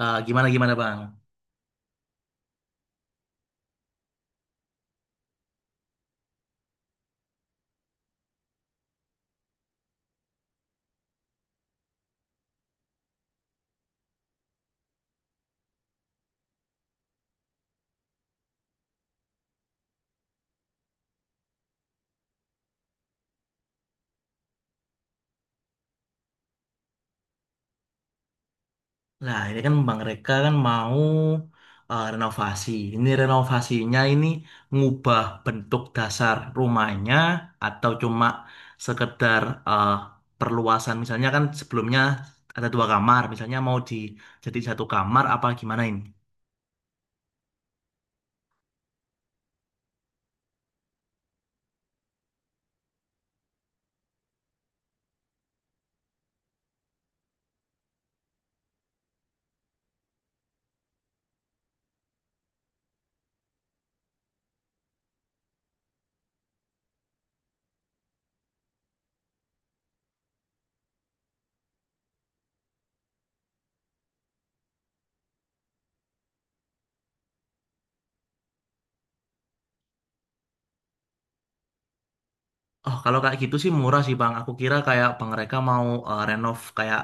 Gimana gimana Bang? Nah, ini kan Bang Reka kan mau renovasi. Ini renovasinya ini ngubah bentuk dasar rumahnya atau cuma sekedar eh, perluasan. Misalnya kan sebelumnya ada dua kamar, misalnya mau di jadi satu kamar apa gimana ini? Oh, kalau kayak gitu sih murah sih Bang. Aku kira kayak Bang mereka mau renov kayak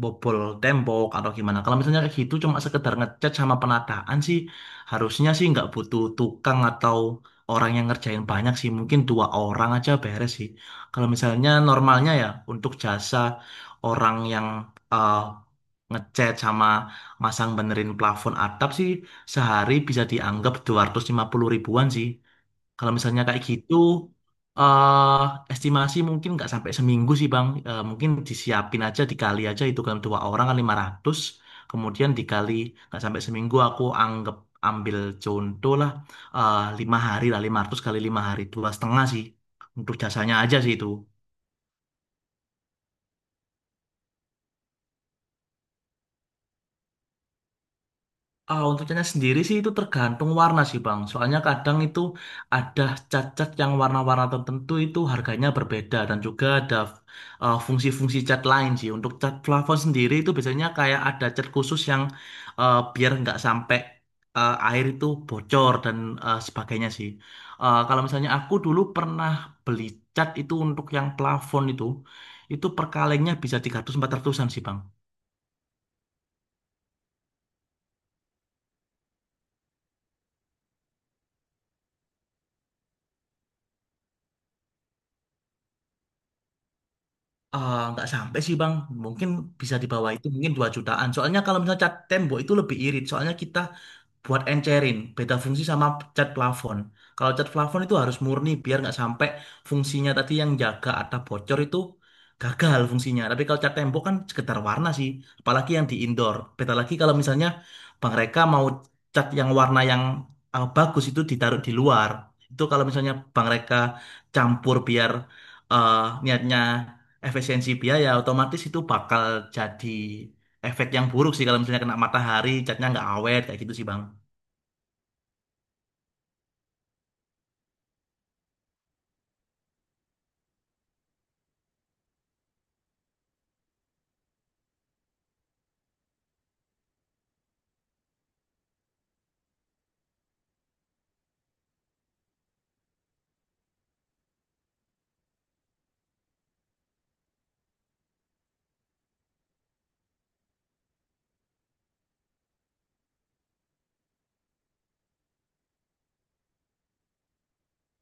bobol tembok atau gimana. Kalau misalnya kayak gitu cuma sekedar ngecat sama penataan sih, harusnya sih nggak butuh tukang atau orang yang ngerjain banyak sih. Mungkin dua orang aja beres sih. Kalau misalnya normalnya ya untuk jasa orang yang eh, ngecat sama masang benerin plafon atap sih sehari bisa dianggap 250 ribuan sih. Kalau misalnya kayak gitu, eh estimasi mungkin nggak sampai seminggu sih Bang. Mungkin disiapin aja, dikali aja itu kan dua orang kan 500, kemudian dikali nggak sampai seminggu aku anggap ambil contoh lah 5 hari lah 500 kali 5 hari 2,5 sih untuk jasanya aja sih itu. Untuk catnya sendiri sih itu tergantung warna sih Bang. Soalnya kadang itu ada cat-cat yang warna-warna tertentu itu harganya berbeda dan juga ada fungsi-fungsi cat lain sih. Untuk cat plafon sendiri itu biasanya kayak ada cat khusus yang biar nggak sampai air itu bocor dan sebagainya sih. Kalau misalnya aku dulu pernah beli cat itu untuk yang plafon itu per kalengnya bisa 300-400an sih Bang. Nggak sampai sih Bang, mungkin bisa di bawah itu mungkin 2 jutaan. Soalnya kalau misalnya cat tembok itu lebih irit, soalnya kita buat encerin beda fungsi sama cat plafon. Kalau cat plafon itu harus murni biar nggak sampai fungsinya tadi yang jaga atap bocor itu gagal fungsinya. Tapi kalau cat tembok kan sekedar warna sih, apalagi yang di indoor. Beda lagi kalau misalnya Bang Reka mau cat yang warna yang bagus itu ditaruh di luar. Itu kalau misalnya Bang Reka campur biar eh, niatnya efisiensi biaya, otomatis itu bakal jadi efek yang buruk sih kalau misalnya kena matahari, catnya nggak awet kayak gitu sih Bang.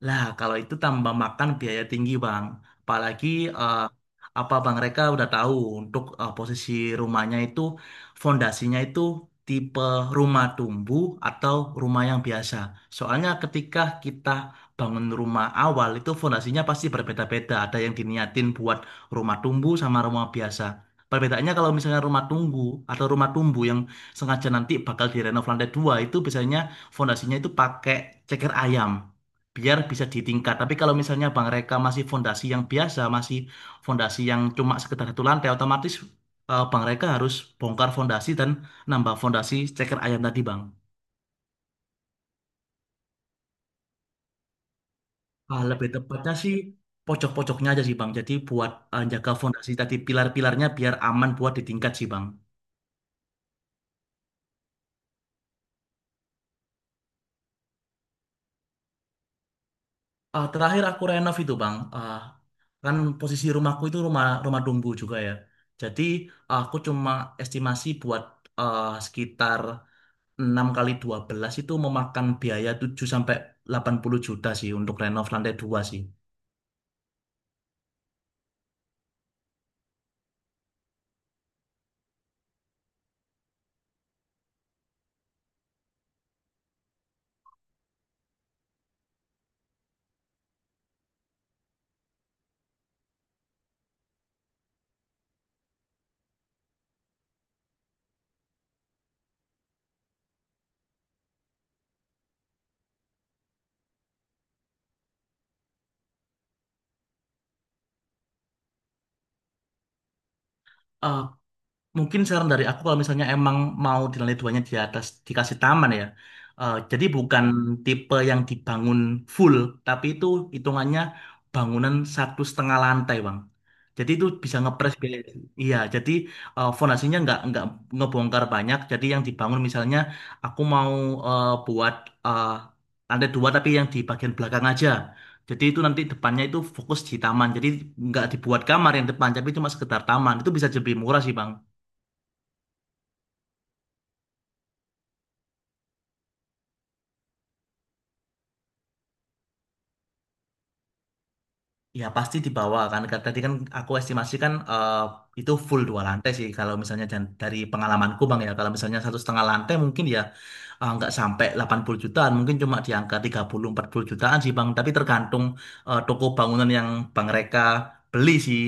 Lah, kalau itu tambah makan biaya tinggi, Bang. Apalagi eh, apa Bang Reka udah tahu untuk posisi rumahnya itu fondasinya itu tipe rumah tumbuh atau rumah yang biasa. Soalnya ketika kita bangun rumah awal itu fondasinya pasti berbeda-beda. Ada yang diniatin buat rumah tumbuh sama rumah biasa. Perbedaannya kalau misalnya rumah tunggu atau rumah tumbuh yang sengaja nanti bakal direnov lantai dua itu biasanya fondasinya itu pakai ceker ayam biar bisa ditingkat. Tapi kalau misalnya Bang Reka masih fondasi yang biasa, masih fondasi yang cuma sekedar satu lantai, otomatis Bang Reka harus bongkar fondasi dan nambah fondasi ceker ayam tadi, Bang. Lebih tepatnya sih pojok-pojoknya aja sih, Bang. Jadi buat jaga fondasi tadi pilar-pilarnya biar aman buat ditingkat sih, Bang. Terakhir aku renov itu, Bang. Kan posisi rumahku itu rumah rumah dumbu juga ya. Jadi aku cuma estimasi buat sekitar 6x12 itu memakan biaya 7 sampai 80 juta sih untuk renov lantai 2 sih. Mungkin saran dari aku kalau misalnya emang mau di lantai duanya di atas dikasih taman ya. Jadi bukan tipe yang dibangun full, tapi itu hitungannya bangunan 1,5 lantai, Bang. Jadi itu bisa ngepres biaya. Iya, jadi fondasinya nggak ngebongkar banyak. Jadi yang dibangun misalnya aku mau buat eh, lantai dua tapi yang di bagian belakang aja. Jadi itu nanti depannya itu fokus di taman. Jadi nggak dibuat kamar yang depan, tapi cuma sekedar taman. Itu bisa lebih murah sih, Bang. Ya pasti di bawah kan. Karena tadi kan aku estimasikan itu full dua lantai sih. Kalau misalnya dan dari pengalamanku Bang ya, kalau misalnya 1,5 lantai mungkin ya nggak sampai 80 jutaan, mungkin cuma di angka 30-40 jutaan sih Bang. Tapi tergantung toko bangunan yang Bang Reka beli sih.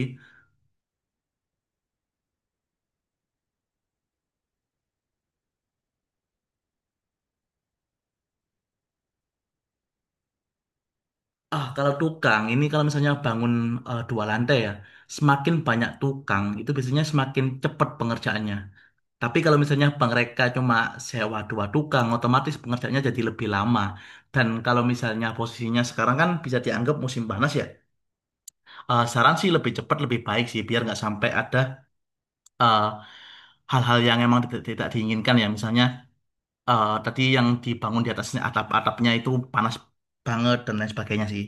Kalau tukang ini kalau misalnya bangun dua lantai ya, semakin banyak tukang itu biasanya semakin cepat pengerjaannya. Tapi kalau misalnya mereka cuma sewa dua tukang, otomatis pengerjaannya jadi lebih lama. Dan kalau misalnya posisinya sekarang kan bisa dianggap musim panas ya. Saran sih lebih cepat lebih baik sih, biar nggak sampai ada eh, hal-hal yang emang tidak diinginkan ya. Misalnya tadi yang dibangun di atasnya atap-atapnya itu panas banget dan lain sebagainya sih.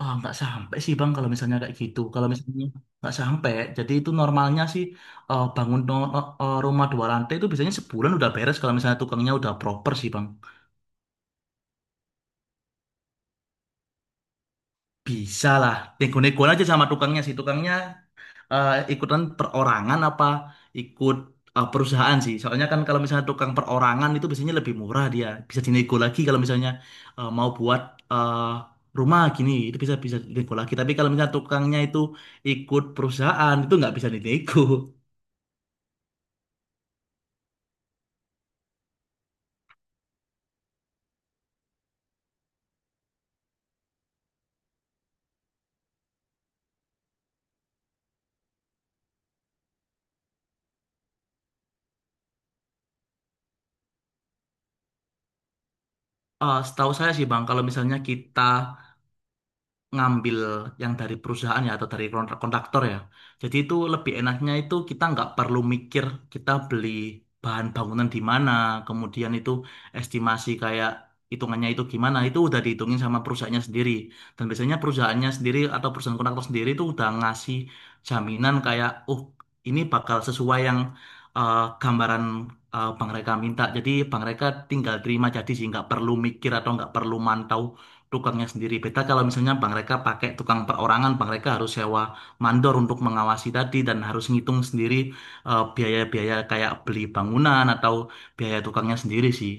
Nggak sampai sih Bang kalau misalnya kayak gitu. Kalau misalnya nggak sampai, jadi itu normalnya sih bangun rumah dua lantai itu biasanya sebulan udah beres kalau misalnya tukangnya udah proper sih Bang. Bisa lah, nego-negoan aja sama tukangnya sih. Tukangnya ikutan perorangan apa ikut perusahaan sih. Soalnya kan kalau misalnya tukang perorangan itu biasanya lebih murah dia. Bisa dinego lagi kalau misalnya mau buat eh, rumah gini itu bisa bisa dinego lagi. Tapi kalau misalnya tukangnya itu ikut perusahaan itu nggak bisa dinego. Setahu saya sih Bang, kalau misalnya kita ngambil yang dari perusahaan ya atau dari kontraktor ya. Jadi itu lebih enaknya itu kita nggak perlu mikir kita beli bahan bangunan di mana, kemudian itu estimasi kayak hitungannya itu gimana, itu udah dihitungin sama perusahaannya sendiri. Dan biasanya perusahaannya sendiri atau perusahaan kontraktor sendiri itu udah ngasih jaminan kayak, oh ini bakal sesuai yang gambaran Bang Reka minta. Jadi Bang Reka tinggal terima jadi sih nggak perlu mikir atau nggak perlu mantau tukangnya sendiri. Beda kalau misalnya Bang mereka pakai tukang perorangan, Bang mereka harus sewa mandor untuk mengawasi tadi dan harus ngitung sendiri biaya-biaya kayak beli bangunan atau biaya tukangnya sendiri sih.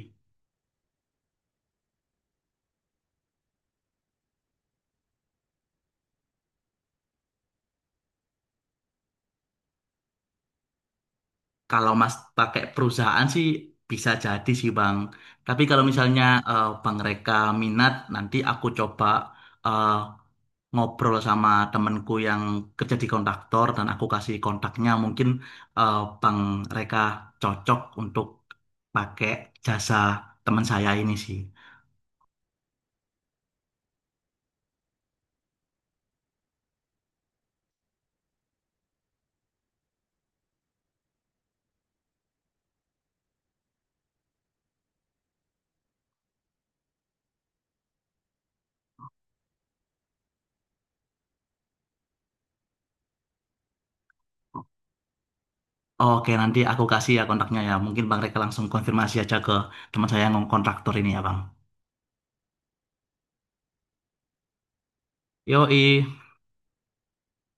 Kalau Mas pakai perusahaan sih bisa jadi sih Bang. Tapi kalau misalnya Bang mereka minat, nanti aku coba eh, ngobrol sama temenku yang kerja di kontraktor dan aku kasih kontaknya mungkin eh, Bang Reka cocok untuk pakai jasa teman saya ini sih. Oke, nanti aku kasih ya kontaknya ya. Mungkin Bang Reka langsung konfirmasi aja ke teman saya yang kontraktor ini ya, Bang. Yoi.